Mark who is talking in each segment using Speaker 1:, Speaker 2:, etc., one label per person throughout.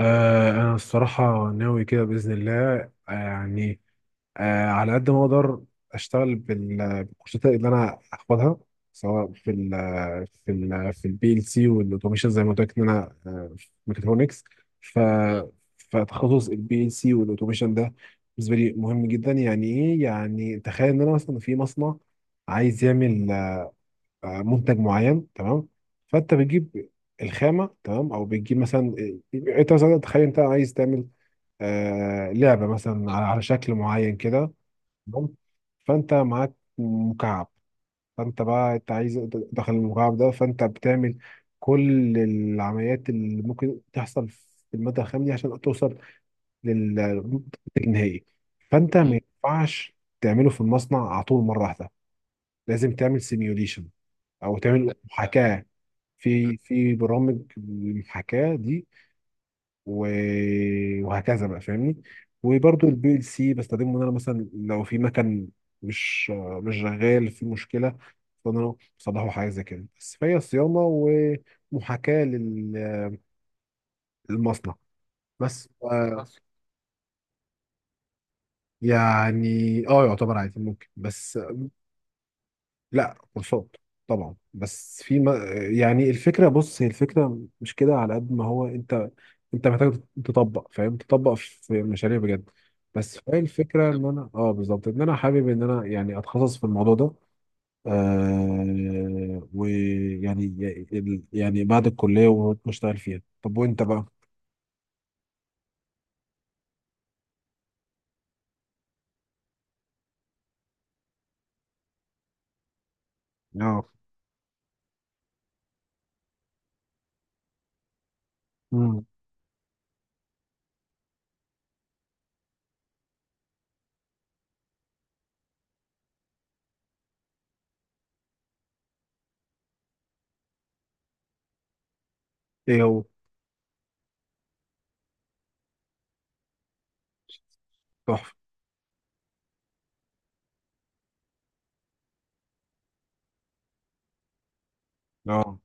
Speaker 1: آه، أنا الصراحة ناوي كده بإذن الله. آه يعني على قد ما أقدر أشتغل بالكورسات اللي أنا هاخدها، سواء في البي ال سي والأوتوميشن، زي ما قلت لك إن أنا في ميكاترونكس. ف فتخصص البي ال سي والأوتوميشن ده بالنسبة لي مهم جدا. يعني إيه؟ يعني تخيل إن أنا مثلا في مصنع عايز يعمل منتج معين، تمام؟ فانت بتجيب الخامه، تمام، او بتجيب مثلا انت مثلا تخيل انت عايز تعمل لعبه مثلا على شكل معين كده، تمام. فانت معاك مكعب، فانت بقى انت عايز داخل المكعب ده، فانت بتعمل كل العمليات اللي ممكن تحصل في الماده الخام دي عشان توصل للمنتج النهائي. فانت ما ينفعش تعمله في المصنع على طول مره واحده، لازم تعمل سيميوليشن او تعمل محاكاه في برامج المحاكاة دي، وهكذا بقى، فاهمني؟ وبرضو البي ال سي بستخدمه، ان انا مثلا لو في مكان مش مش شغال، في مشكلة، فانا بصلحه حاجة زي كده، بس فهي صيانة ومحاكاة للمصنع. بس أصل، يعني اه يعتبر عادي ممكن، بس لا، كورسات طبعا. بس في ما، يعني الفكره، بص، هي الفكره مش كده، على قد ما هو انت محتاج تطبق، فاهم، تطبق في مشاريع بجد. بس هي الفكره ان انا، بالظبط، ان انا حابب ان انا يعني اتخصص في الموضوع ده. يعني بعد الكليه واشتغل فيها. طب وانت بقى؟ اه. امم. ايه هو؟ تحفه. اه.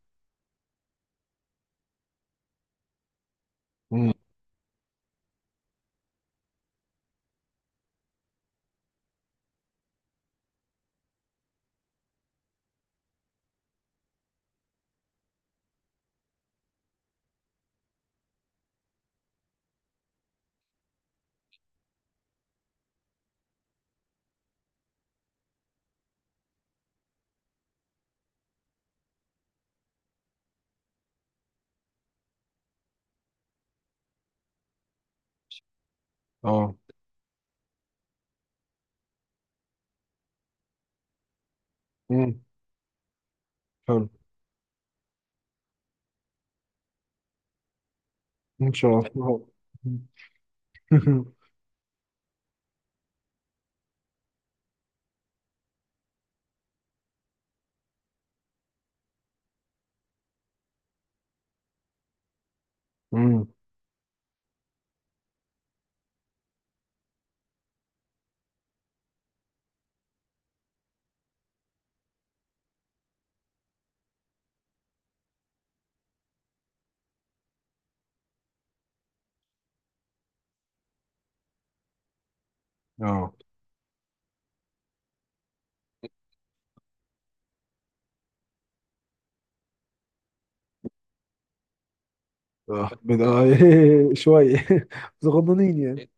Speaker 1: امم. اه. امم. حلو. ان شاء الله. امم. اه. اه من اه شوية بس غضنين يعني.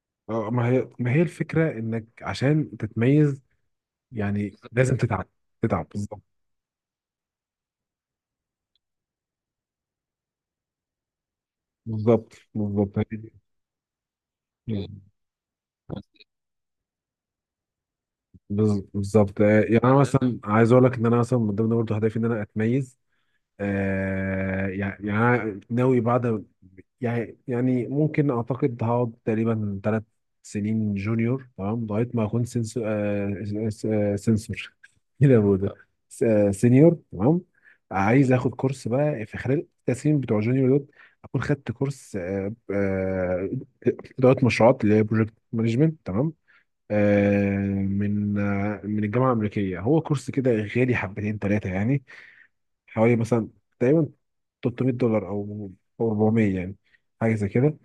Speaker 1: اه، ما هي الفكرة انك عشان تتميز يعني لازم تتعب. تتعب بالظبط. بالظبط. بالظبط. بالظبط. يعني انا مثلا عايز اقول لك ان انا مثلا من ضمن برضه هدفي ان انا اتميز. يعني أنا ناوي بعد، يعني ممكن اعتقد هقعد تقريبا 3 سنين جونيور، تمام، لغايه ما اكون سنسور آه س- آه سنسور ايه ده، هو ده سينيور، تمام. عايز اخد كورس بقى في خلال ال 3 سنين بتوع جونيور دول، اكون خدت كورس اداره مشروعات، اللي هي بروجكت مانجمنت، تمام، من الجامعه الامريكيه. هو كورس كده غالي، حبتين ثلاثه يعني، حوالي مثلا تقريبا 300 دولار أو 400، يعني حاجه زي كده.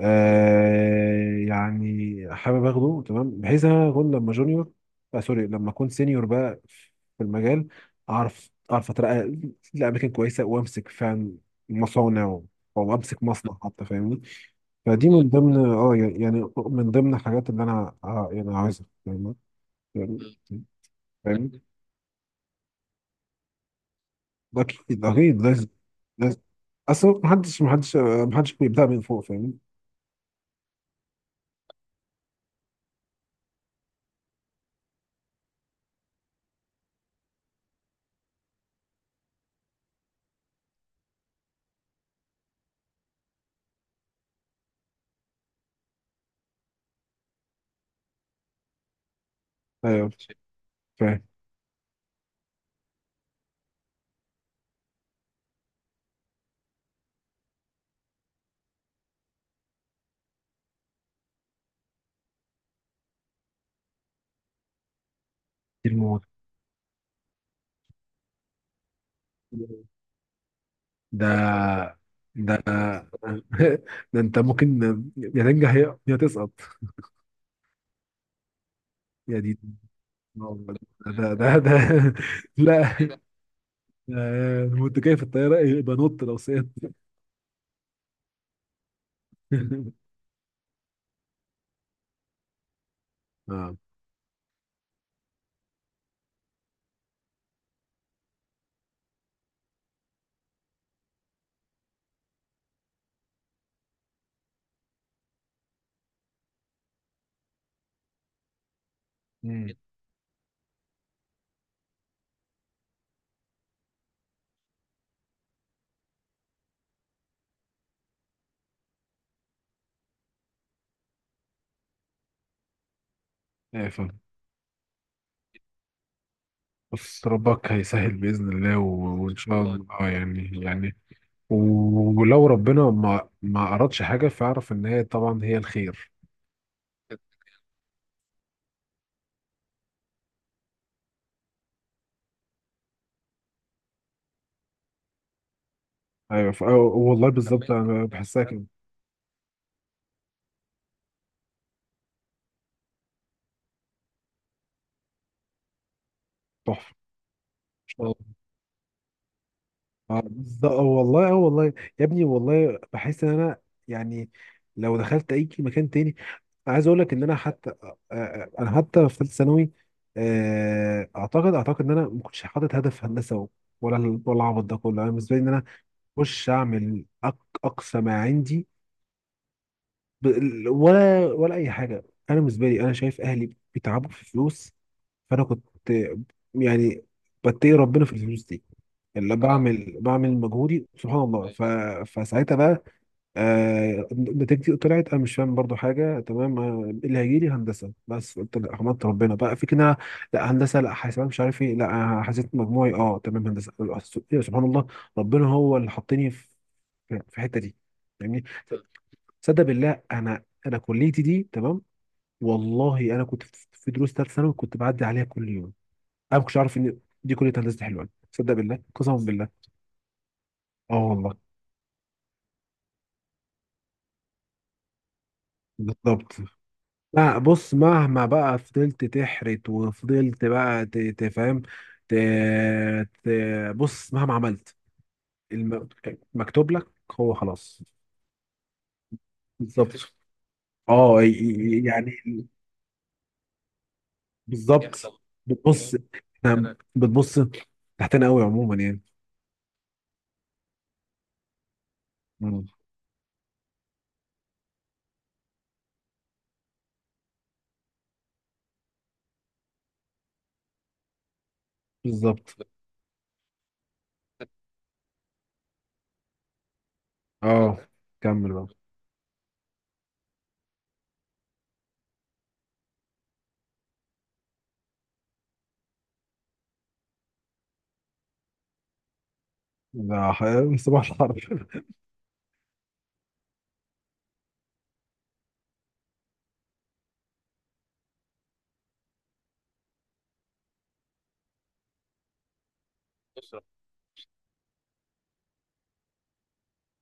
Speaker 1: يعني حابب اخده، تمام، بحيث إن انا اكون لما جونيور، آه سوري، لما اكون سينيور بقى في المجال، اعرف اترقى لاماكن كويسه، وامسك فعلا مصانع او امسك مصنع حتى، فاهمني؟ فدي من ضمن، يعني، يعني من ضمن الحاجات اللي انا يعني عايزها، فاهمني؟ فاهمني؟ اكيد اكيد لازم. اصل محدش بيبدأ من فوق، فاهم؟ ايوه فاهم. دي الموضوع. ده ده ده انت ممكن يا تنجح يا تسقط. يا دي ده ده ده لا، وانت جاي في الطياره يبقى نط لو سقطت. اه. امم. ايه فاهم. بس ربك هيسهل باذن الله وان شاء الله، ولو ربنا ما اردش حاجه، فاعرف ان هي طبعا هي الخير. ايوه. أيوة والله، بالظبط، كمل. انا بحسها كده. تحفه. اه. اه بالظبط. اه والله. اه والله. يا ابني، والله بحس ان انا يعني لو دخلت اي مكان تاني، عايز اقول لك ان انا حتى انا حتى في ثالثه ثانوي اعتقد ان انا ما كنتش حاطط هدف هندسه ولا العبط ده كله. انا بالنسبه لي ان انا اخش اعمل اقصى ما عندي، ب... ولا اي حاجه. انا بالنسبه لي انا شايف اهلي بيتعبوا في فلوس، فانا كنت يعني بتقي ربنا في الفلوس دي، اللي بعمل مجهودي، سبحان الله. أيوة. فساعتها بقى نتيجتي طلعت انا مش فاهم برضو حاجه، تمام، اللي هيجي لي هندسه، بس قلت لا، حمدت ربنا بقى في كده. لا هندسه، لا حاسبات، مش عارف ايه، لا، حسيت مجموعي اه تمام هندسه. سبحان الله. ربنا هو اللي حطني في الحته دي، فاهمني؟ صدق بالله، انا كليتي دي، تمام. والله انا كنت في دروس ثالث ثانوي كنت بعدي عليها كل يوم، انا ما كنتش اعرف ان دي كليه هندسه حلوان. صدق بالله، قسما بالله. اه والله، بالظبط. لا بص، مهما بقى فضلت تحرت، وفضلت بقى تفهم ت... ت... بص، مهما عملت، المكتوب لك هو خلاص. بالظبط. اه يعني. بالظبط. بتبص، إحنا بتبص تحتنا قوي عموما يعني. بالظبط. اه كمل بقى. من صباح الحرب.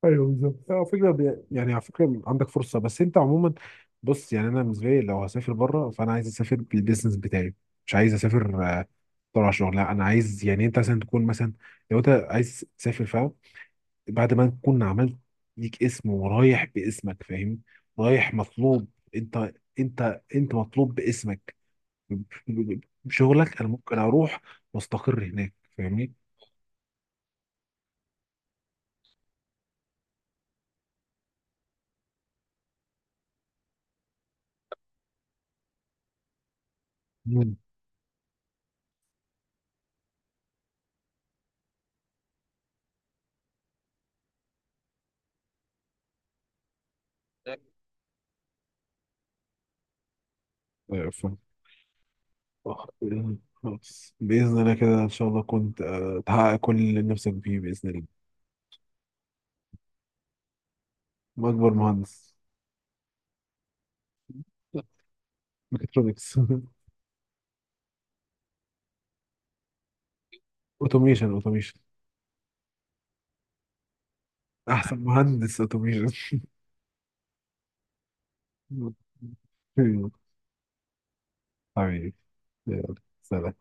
Speaker 1: ايوه، بالظبط. على فكره، يعني على فكره عندك فرصه، بس انت عموما بص. يعني انا بالنسبه لي لو هسافر بره، فانا عايز اسافر بالبيزنس بتاعي، مش عايز اسافر طلع شغل. لا، انا عايز يعني انت مثلا تكون مثلا لو انت عايز تسافر، فاهم، بعد ما تكون عملت ليك اسم، ورايح باسمك، فاهم، رايح مطلوب. انت انت مطلوب باسمك، ب- بشغلك. انا ممكن اروح واستقر هناك، فاهمني؟ مم. أيوة فاهم. آه، إيه، خلاص بإذن الله كده، إن شاء الله كنت تحقق كل اللي نفسك فيه بإذن الله. وأكبر مهندس. لا، ميكاترونكس. أوتوميشن. أوتوميشن. أحسن مهندس أوتوميشن. حبيبي. يلا. سلام.